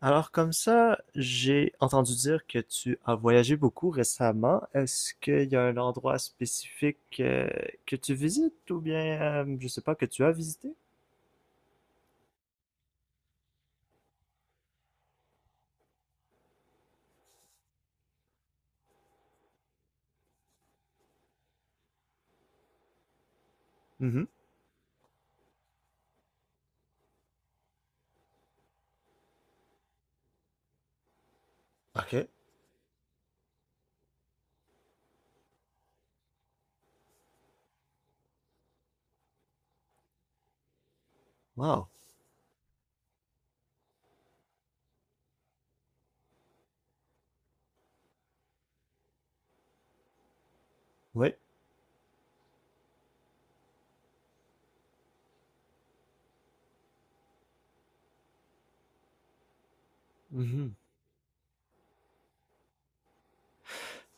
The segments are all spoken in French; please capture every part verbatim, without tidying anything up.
Alors comme ça, j'ai entendu dire que tu as voyagé beaucoup récemment. Est-ce qu'il y a un endroit spécifique euh, que tu visites ou bien, euh, je sais pas, que tu as visité? Mhm. OK. Wow. Oui.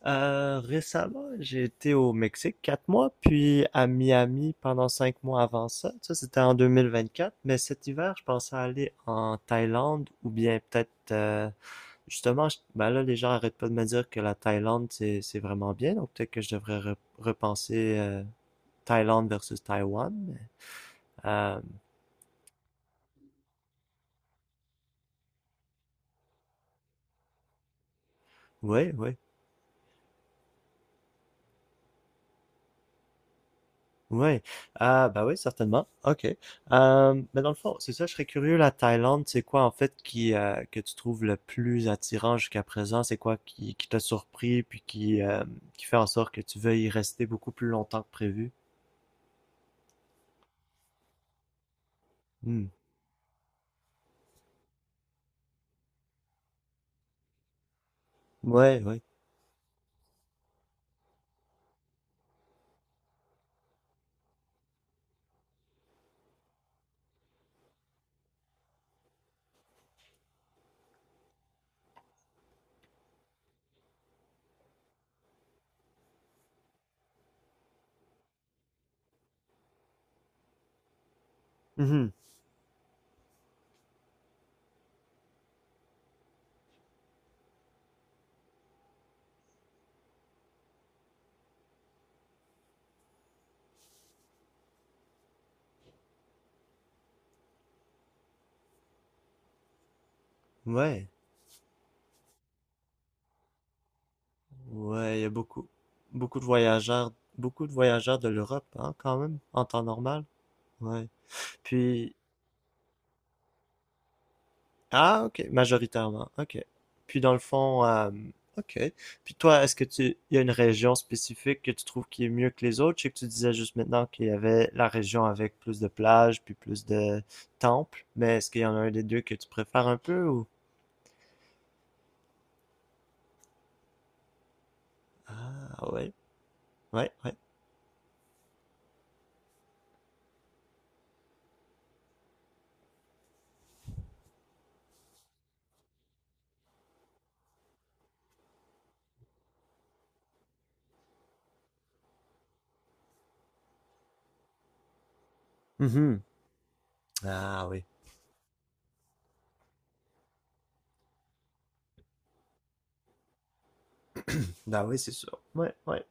Euh, récemment, j'ai été au Mexique quatre mois, puis à Miami pendant cinq mois avant ça. Ça, c'était en deux mille vingt-quatre. Mais cet hiver, je pensais aller en Thaïlande ou bien peut-être, euh, justement, je- ben là, les gens arrêtent pas de me dire que la Thaïlande, c'est, c'est vraiment bien. Donc peut-être que je devrais re- repenser euh, Thaïlande versus Taïwan. Mais, Euh, oui, ouais, ah bah oui, certainement. Ok. Euh, mais dans le fond, c'est ça, je serais curieux, la Thaïlande, c'est quoi en fait qui euh, que tu trouves le plus attirant jusqu'à présent? C'est quoi qui, qui t'a surpris puis qui, euh, qui fait en sorte que tu veuilles y rester beaucoup plus longtemps que prévu? Hmm. Ouais, ouais. Mhm. Ouais, ouais, il y a beaucoup, beaucoup de voyageurs, beaucoup de voyageurs de l'Europe, hein, quand même, en temps normal. Ouais. Puis, ah, ok, majoritairement, ok. Puis dans le fond, euh, ok. Puis toi, est-ce que tu, il y a une région spécifique que tu trouves qui est mieux que les autres? Je sais que tu disais juste maintenant qu'il y avait la région avec plus de plages, puis plus de temples, mais est-ce qu'il y en a un des deux que tu préfères un peu ou? Ah, ouais, ouais, ouais. Mhm. Ah oui, bah oui, c'est sûr. Ouais, ouais.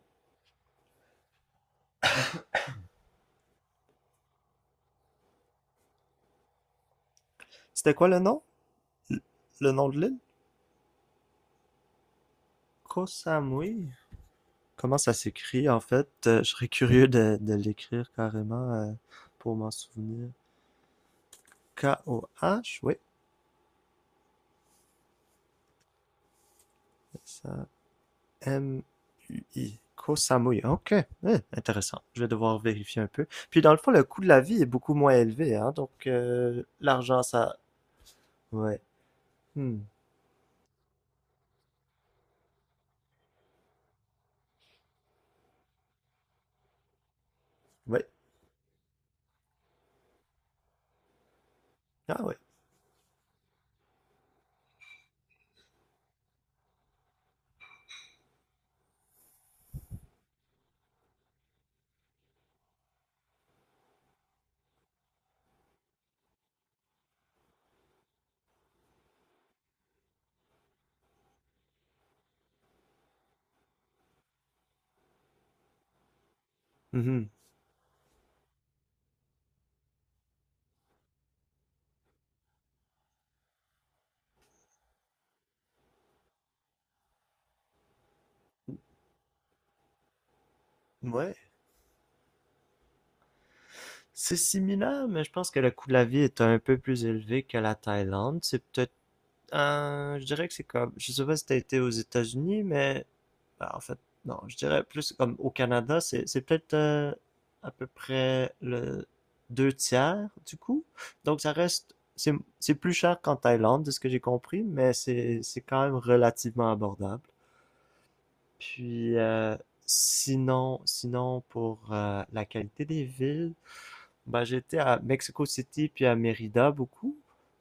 C'était quoi le nom? Le le nom de l'île? Koh Samui? Comment ça s'écrit en fait? Euh, je serais curieux de, de l'écrire carrément euh, pour m'en souvenir. K O H, oui. Ça, M U I. Koh Samui. Ok, eh, intéressant. Je vais devoir vérifier un peu. Puis dans le fond, le coût de la vie est beaucoup moins élevé, hein? Donc euh, l'argent, ça. Ouais. Hmm. Ouais. Ah ouais. Mhm. Ouais. C'est similaire, mais je pense que le coût de la vie est un peu plus élevé que la Thaïlande. C'est peut-être... Euh, je dirais que c'est comme, je sais pas si t'as été aux États-Unis, mais bah, en fait, non, je dirais plus comme au Canada, c'est c'est peut-être euh, à peu près le deux tiers du coût. Donc ça reste, c'est c'est plus cher qu'en Thaïlande, de ce que j'ai compris, mais c'est c'est quand même relativement abordable. Puis euh, sinon, sinon pour euh, la qualité des villes, bah, j'étais à Mexico City puis à Mérida beaucoup.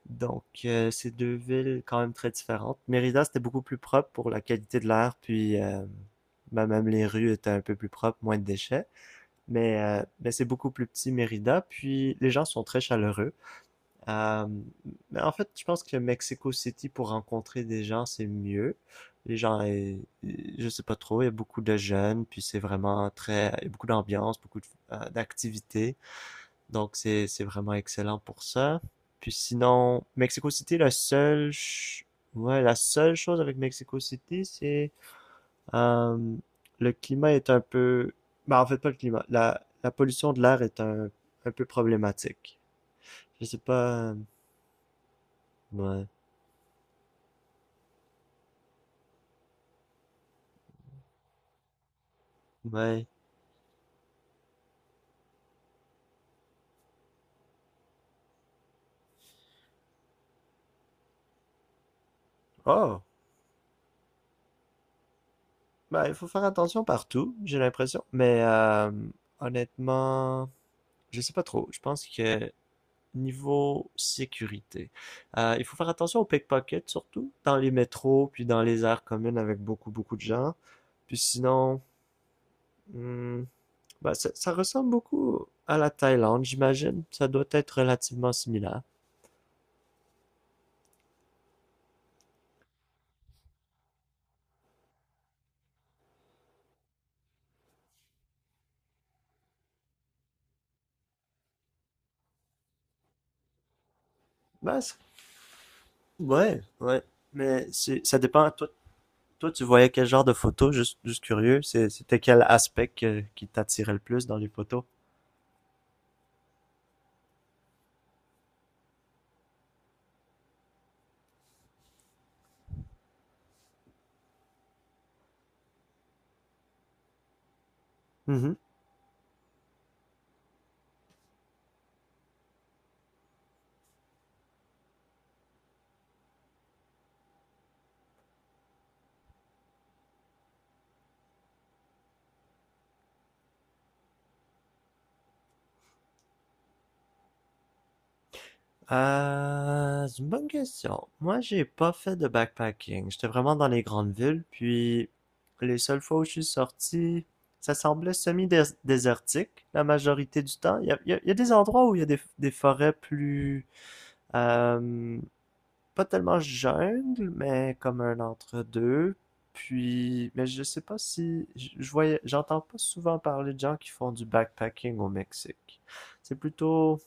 Donc, euh, c'est deux villes quand même très différentes. Mérida, c'était beaucoup plus propre pour la qualité de l'air, puis euh, bah, même les rues étaient un peu plus propres, moins de déchets. Mais, euh, mais c'est beaucoup plus petit, Mérida, puis les gens sont très chaleureux. Euh, mais en fait, je pense que Mexico City, pour rencontrer des gens, c'est mieux. Les gens, euh, je sais pas trop, il y a beaucoup de jeunes, puis c'est vraiment très, il y a beaucoup d'ambiance, beaucoup de- euh, d'activités. Donc, c'est, c'est vraiment excellent pour ça. Puis sinon, Mexico City, la seule, ch- ouais, la seule chose avec Mexico City, c'est euh, le climat est un peu, bah en fait pas le climat, la, la pollution de l'air est un, un peu problématique. Je sais pas, euh, ouais, ouais. Oh, bah il faut faire attention partout, j'ai l'impression. Mais euh, honnêtement, je sais pas trop. Je pense que Niveau sécurité, euh, il faut faire attention aux pickpockets, surtout dans les métros, puis dans les aires communes avec beaucoup, beaucoup de gens. Puis sinon, hmm, bah, ça, ça ressemble beaucoup à la Thaïlande, j'imagine. Ça doit être relativement similaire. Bah, ouais, ouais. Mais ça dépend. Toi, toi, tu voyais quel genre de photos juste, juste curieux. C'était quel aspect que- qui t'attirait le plus dans les photos? Mm-hmm. Euh, c'est une bonne question. Moi, j'ai pas fait de backpacking. J'étais vraiment dans les grandes villes, puis les seules fois où je suis sorti, ça semblait semi-désertique la majorité du temps. Il y a, il y a- il y a des endroits où il y a des, des forêts plus... euh, pas tellement jungle, mais comme un entre-deux. Puis, mais je sais pas si... Je, je voyais, j'entends pas souvent parler de gens qui font du backpacking au Mexique. C'est plutôt...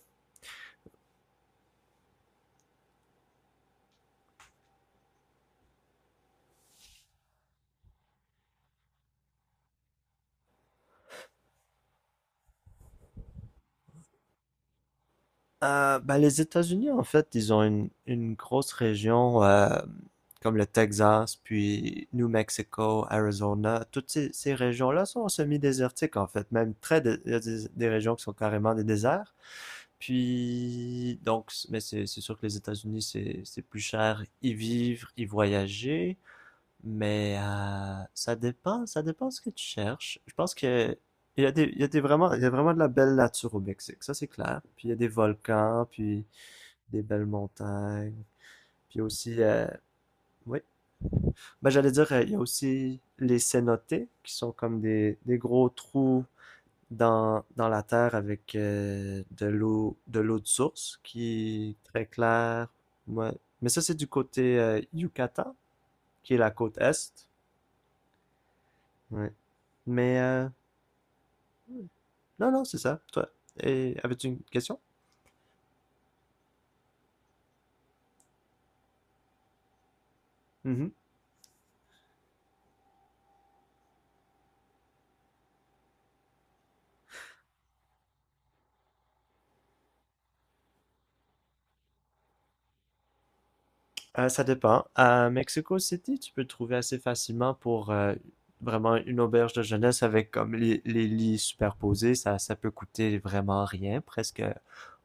Euh, ben, les États-Unis, en fait, ils ont une, une grosse région euh, comme le Texas, puis New Mexico, Arizona. Toutes ces, ces régions-là sont semi-désertiques, en fait. Même très, dé- il y a des, des régions qui sont carrément des déserts. Puis, donc, mais c'est c'est sûr que les États-Unis, c'est c'est plus cher y vivre, y voyager. Mais euh, ça dépend, ça dépend ce que tu cherches. Je pense que il y a des, il y a des vraiment, il y a vraiment de la belle nature au Mexique, ça c'est clair. Puis il y a des volcans, puis des belles montagnes, puis aussi, euh, oui. Ben j'allais dire, euh, il y a aussi les cénotes qui sont comme des, des gros trous dans, dans la terre avec euh, de l'eau, de l'eau de source qui est très claire. Ouais. Mais ça c'est du côté euh, Yucatan, qui est la côte est. Ouais. Mais euh, non, non, c'est ça, toi. Et avais-tu une question? Mhm. Euh, ça dépend. À Mexico City, tu peux trouver assez facilement pour euh, vraiment une auberge de jeunesse avec comme les, les lits superposés. Ça, ça peut coûter vraiment rien, presque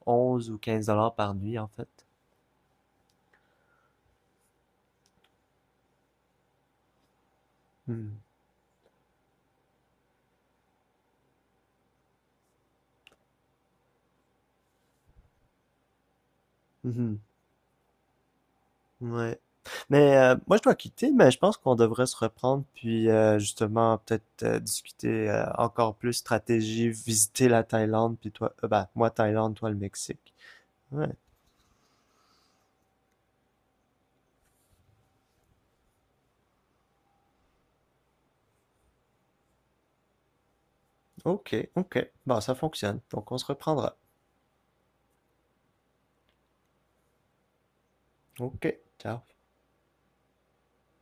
onze ou quinze dollars par nuit en fait. Hmm. Mhm. Ouais. Mais euh, moi, je dois quitter, mais je pense qu'on devrait se reprendre, puis euh, justement, peut-être euh, discuter euh, encore plus stratégie, visiter la Thaïlande, puis toi, euh, bah, moi, Thaïlande, toi, le Mexique. Ouais. Ok, ok. Bah, ça fonctionne. Donc, on se reprendra. Ok, ciao.